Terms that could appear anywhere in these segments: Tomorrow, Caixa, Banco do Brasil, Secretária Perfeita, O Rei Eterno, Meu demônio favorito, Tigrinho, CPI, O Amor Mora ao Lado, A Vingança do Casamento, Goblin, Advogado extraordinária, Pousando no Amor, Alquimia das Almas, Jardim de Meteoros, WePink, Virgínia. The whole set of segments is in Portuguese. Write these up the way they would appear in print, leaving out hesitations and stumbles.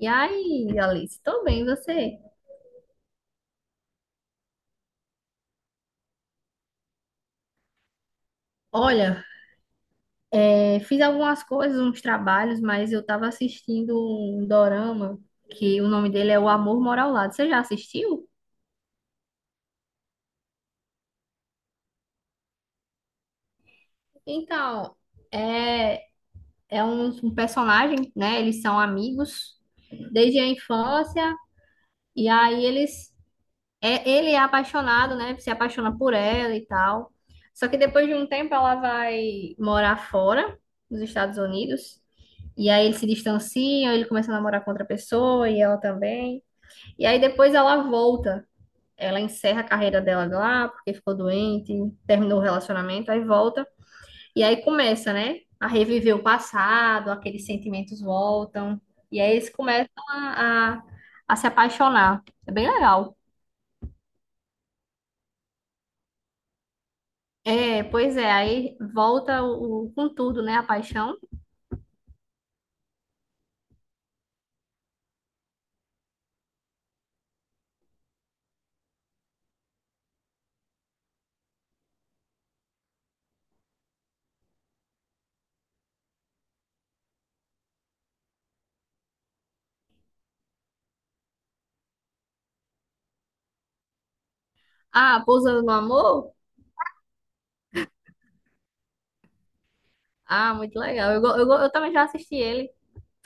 E aí, Alice, tô bem, e você? Olha, fiz algumas coisas, uns trabalhos, mas eu tava assistindo um dorama que o nome dele é O Amor Mora ao Lado. Você já assistiu? Então, é, é um personagem, né? Eles são amigos desde a infância, e aí ele é apaixonado, né? Se apaixona por ela e tal. Só que depois de um tempo ela vai morar fora, nos Estados Unidos. E aí eles se distanciam, ele começa a namorar com outra pessoa e ela também. E aí depois ela volta. Ela encerra a carreira dela lá, porque ficou doente, terminou o relacionamento, aí volta. E aí começa, né? A reviver o passado, aqueles sentimentos voltam. E aí eles começam a se apaixonar. É bem legal. É, pois é, aí volta com tudo, né? A paixão. Ah, Pousando no Amor? Ah, muito legal. Eu também já assisti ele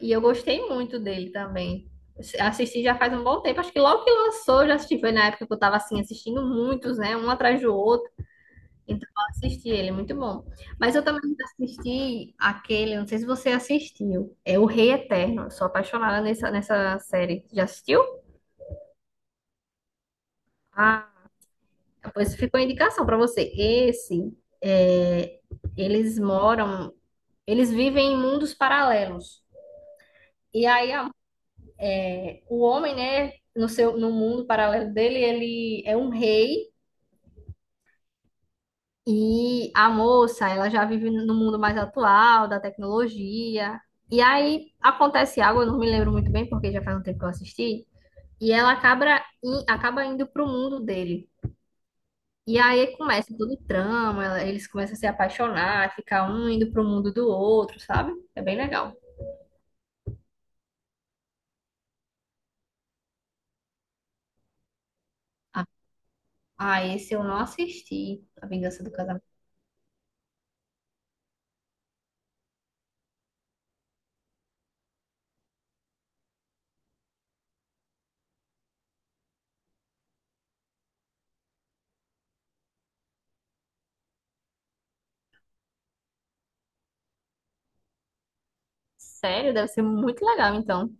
e eu gostei muito dele também. Assisti já faz um bom tempo, acho que logo que lançou, eu já assisti. Foi na época que eu tava assim, assistindo muitos, né? Um atrás do outro. Então eu assisti ele, muito bom. Mas eu também assisti aquele, não sei se você assistiu, é O Rei Eterno. Eu sou apaixonada nessa série. Já assistiu? Ah, pois ficou a indicação para você. Esse, é, eles moram, eles vivem em mundos paralelos. E aí o homem, né, no mundo paralelo dele, ele é um rei e a moça, ela já vive no mundo mais atual da tecnologia. E aí acontece algo, eu não me lembro muito bem porque já faz um tempo que eu assisti. E ela acaba, acaba indo pro mundo dele. E aí começa todo o trama, eles começam a se apaixonar, ficar um indo pro mundo do outro, sabe? É bem legal. Ah, ah, esse eu não assisti, A Vingança do Casamento. Sério, deve ser muito legal, então.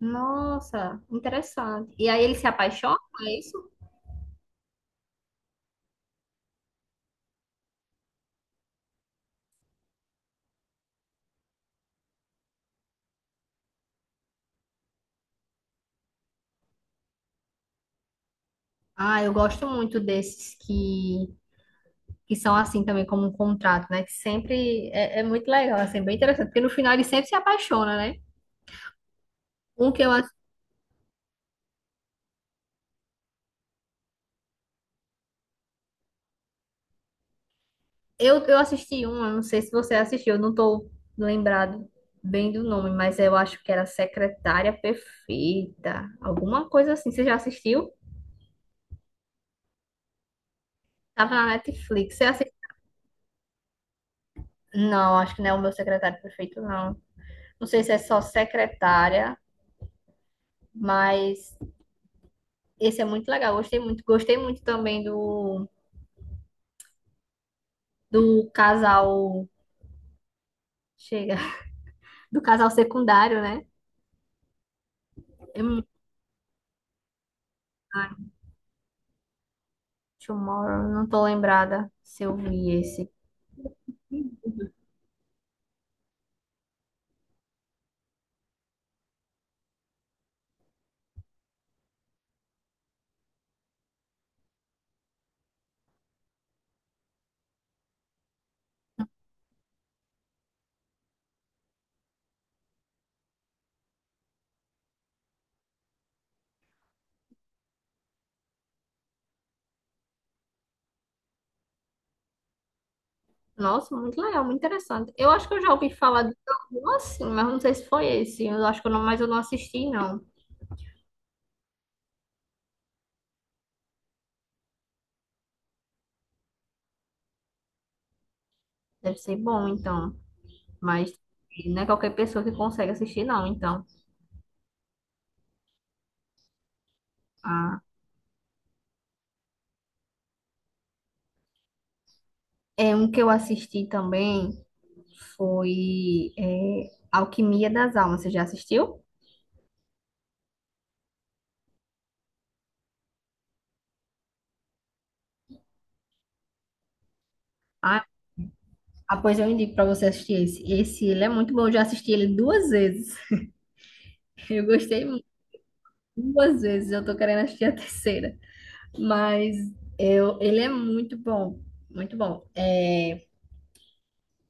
Nossa, interessante. E aí eles se apaixonam, é isso? Ah, eu gosto muito desses que são assim também, como um contrato, né? Que sempre é muito legal, assim, bem interessante, porque no final eles sempre se apaixonam, né? Um que eu eu assisti uma, não sei se você assistiu, eu não tô lembrado bem do nome, mas eu acho que era Secretária Perfeita, alguma coisa assim. Você já assistiu? Tava na Netflix. Não, acho que não é o meu secretário perfeito, não. Não sei se é só secretária, mas esse é muito legal. Gostei muito. Gostei muito também do casal. Chega. Do casal secundário, né? É muito- Ai, Tomorrow, não tô lembrada se eu vi esse. Nossa, muito legal, muito interessante. Eu acho que eu já ouvi falar de algum assim, mas não sei se foi esse. Eu acho que eu não, mas eu não assisti, não. Deve ser bom, então. Mas não é qualquer pessoa que consegue assistir, não, então. Ah, é um que eu assisti também foi Alquimia das Almas. Você já assistiu? Ah, ah, pois eu indico para você assistir esse. Esse ele é muito bom. Eu já assisti ele duas vezes. Eu gostei muito. Duas vezes. Eu tô querendo assistir a terceira. Mas eu, ele é muito bom, muito bom. É,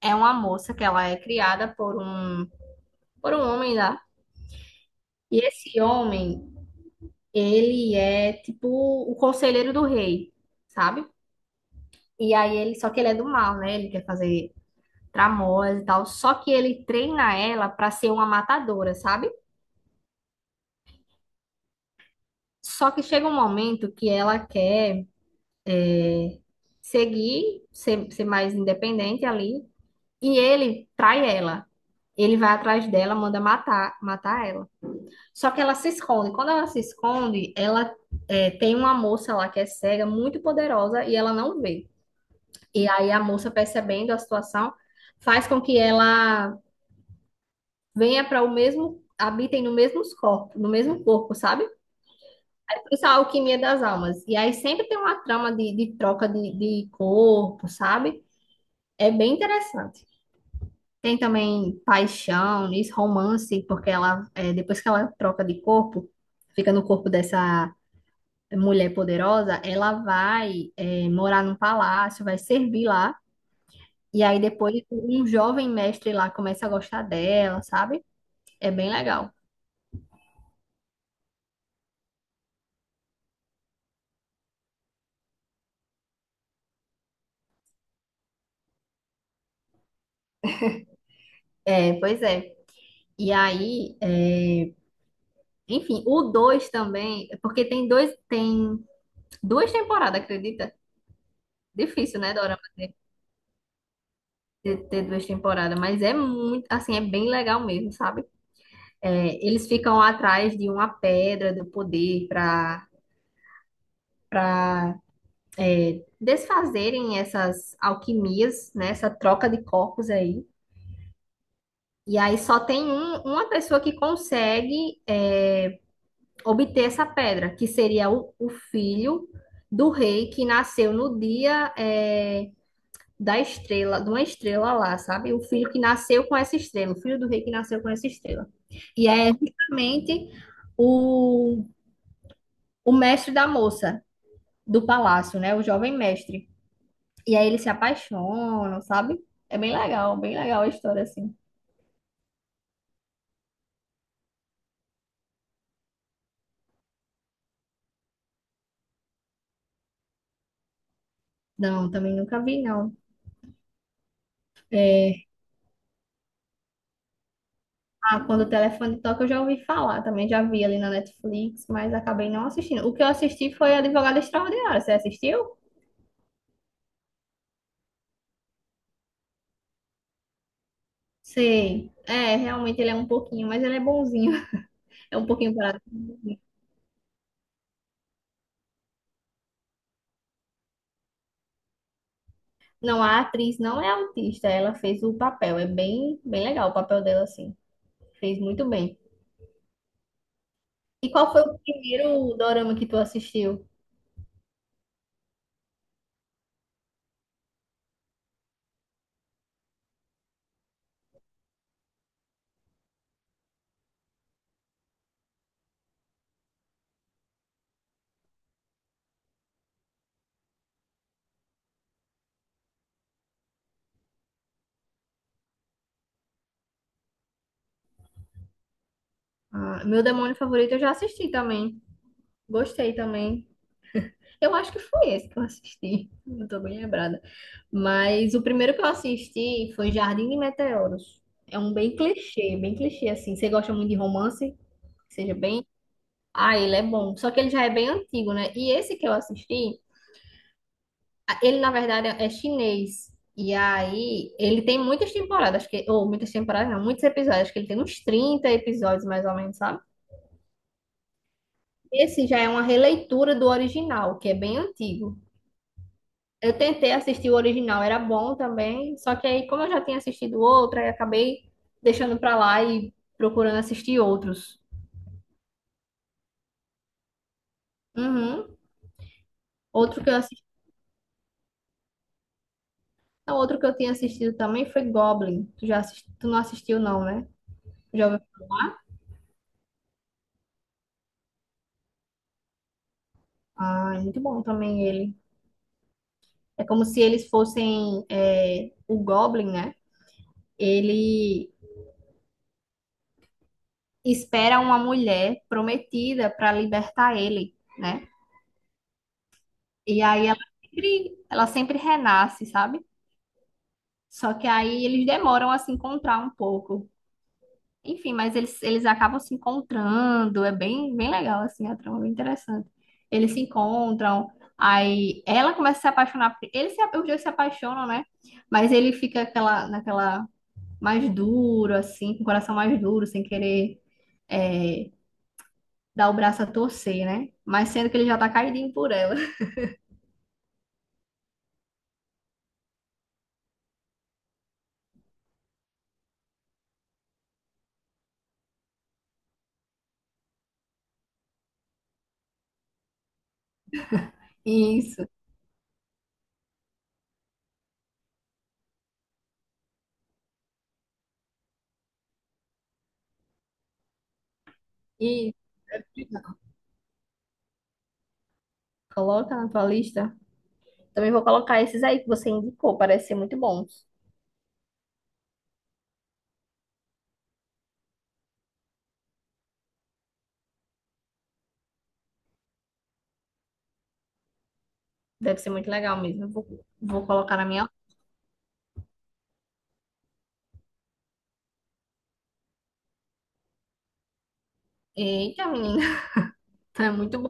é uma moça que ela é criada por um homem lá. E esse homem, ele é tipo o conselheiro do rei, sabe? E aí ele, só que ele é do mal, né? Ele quer fazer tramóias e tal. Só que ele treina ela pra ser uma matadora, sabe? Só que chega um momento que ela quer é, seguir, ser mais independente ali. E ele trai ela. Ele vai atrás dela, manda matar, ela. Só que ela se esconde. Quando ela se esconde, ela tem uma moça lá que é cega, muito poderosa, e ela não vê. E aí a moça, percebendo a situação, faz com que ela venha para o mesmo, habitem no mesmo corpo, no mesmo corpo, sabe? Isso é a alquimia das almas. E aí sempre tem uma trama de troca de corpo, sabe? É bem interessante. Tem também paixão, isso, romance, porque ela, depois que ela troca de corpo, fica no corpo dessa mulher poderosa, ela vai, morar num palácio, vai servir lá. E aí depois um jovem mestre lá começa a gostar dela, sabe? É bem legal. É, pois é. E aí, enfim, o 2 também, porque tem dois, tem duas temporadas, acredita? Difícil, né, Dora, ter duas temporadas, mas é muito, assim, é bem legal mesmo, sabe? É, eles ficam atrás de uma pedra do poder para desfazerem essas alquimias, né, essa troca de corpos aí. E aí só tem uma pessoa que consegue obter essa pedra, que seria o filho do rei que nasceu no dia da estrela, de uma estrela lá, sabe? O filho que nasceu com essa estrela, o filho do rei que nasceu com essa estrela. E é justamente o o mestre da moça do palácio, né? O jovem mestre. E aí eles se apaixonam, sabe? É bem legal a história, assim. Não, também nunca vi, não. Ah, quando o telefone toca, eu já ouvi falar. Também já vi ali na Netflix, mas acabei não assistindo. O que eu assisti foi Advogado extraordinária. Você assistiu? Sei. É, realmente ele é um pouquinho, mas ele é bonzinho. É um pouquinho parado. Não, a atriz não é autista. Ela fez o papel. É bem, bem legal o papel dela, assim. Fez muito bem. E qual foi o primeiro dorama que tu assistiu? Ah, meu demônio favorito eu já assisti também. Gostei também. Eu acho que foi esse que eu assisti. Não tô bem lembrada. Mas o primeiro que eu assisti foi Jardim de Meteoros. É um bem clichê assim. Você gosta muito de romance? Seja bem. Ah, ele é bom. Só que ele já é bem antigo, né? E esse que eu assisti. Ele, na verdade, é chinês. E aí, ele tem muitas temporadas, acho que, ou muitas temporadas, não, muitos episódios, acho que ele tem uns 30 episódios mais ou menos, sabe? Esse já é uma releitura do original, que é bem antigo. Eu tentei assistir o original, era bom também, só que aí, como eu já tinha assistido outro, aí acabei deixando pra lá e procurando assistir outros. Uhum. Outro que eu assisti, não, outro que eu tinha assistido também foi Goblin. Tu já assisti, tu não assistiu, não, né? Já ouviu? Ah, é muito bom também ele. É como se eles fossem o Goblin, né? Ele espera uma mulher prometida para libertar ele, né? E aí ela sempre renasce, sabe? Só que aí eles demoram a se encontrar um pouco. Enfim, mas eles acabam se encontrando. É bem, bem legal, assim, a trama é bem interessante. Eles se encontram, aí ela começa a se apaixonar. Por- Eles se, Os dois se apaixonam, né? Mas ele fica aquela, naquela mais duro, assim, com o coração mais duro, sem querer é, dar o braço a torcer, né? Mas sendo que ele já tá caidinho por ela. Isso. E coloca na tua lista. Também vou colocar esses aí que você indicou, parece ser muito bons. Deve ser muito legal mesmo. Eu vou colocar na minha. Eita, menina, é muito bom.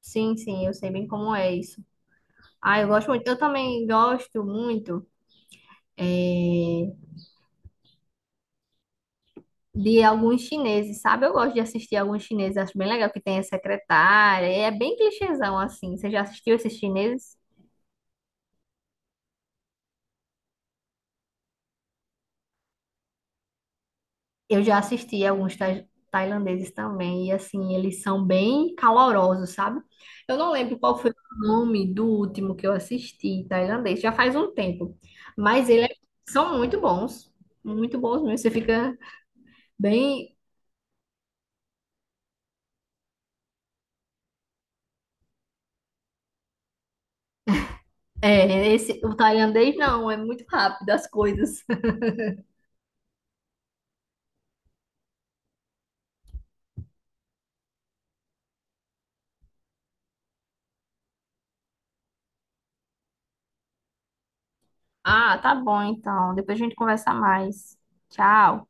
Sim, sim, eu sei bem como é isso. Ah, eu gosto muito. Eu também gosto muito. é, de alguns chineses, sabe? Eu gosto de assistir alguns chineses, acho bem legal que tem a secretária, é bem clichêzão assim. Você já assistiu esses chineses? Eu já assisti alguns tailandeses também, e assim, eles são bem calorosos, sabe? Eu não lembro qual foi o nome do último que eu assisti tailandês, já faz um tempo, mas eles são muito bons mesmo. Você fica bem. É, esse, o tailandês não, é muito rápido as coisas. Ah, tá bom então. Depois a gente conversa mais. Tchau.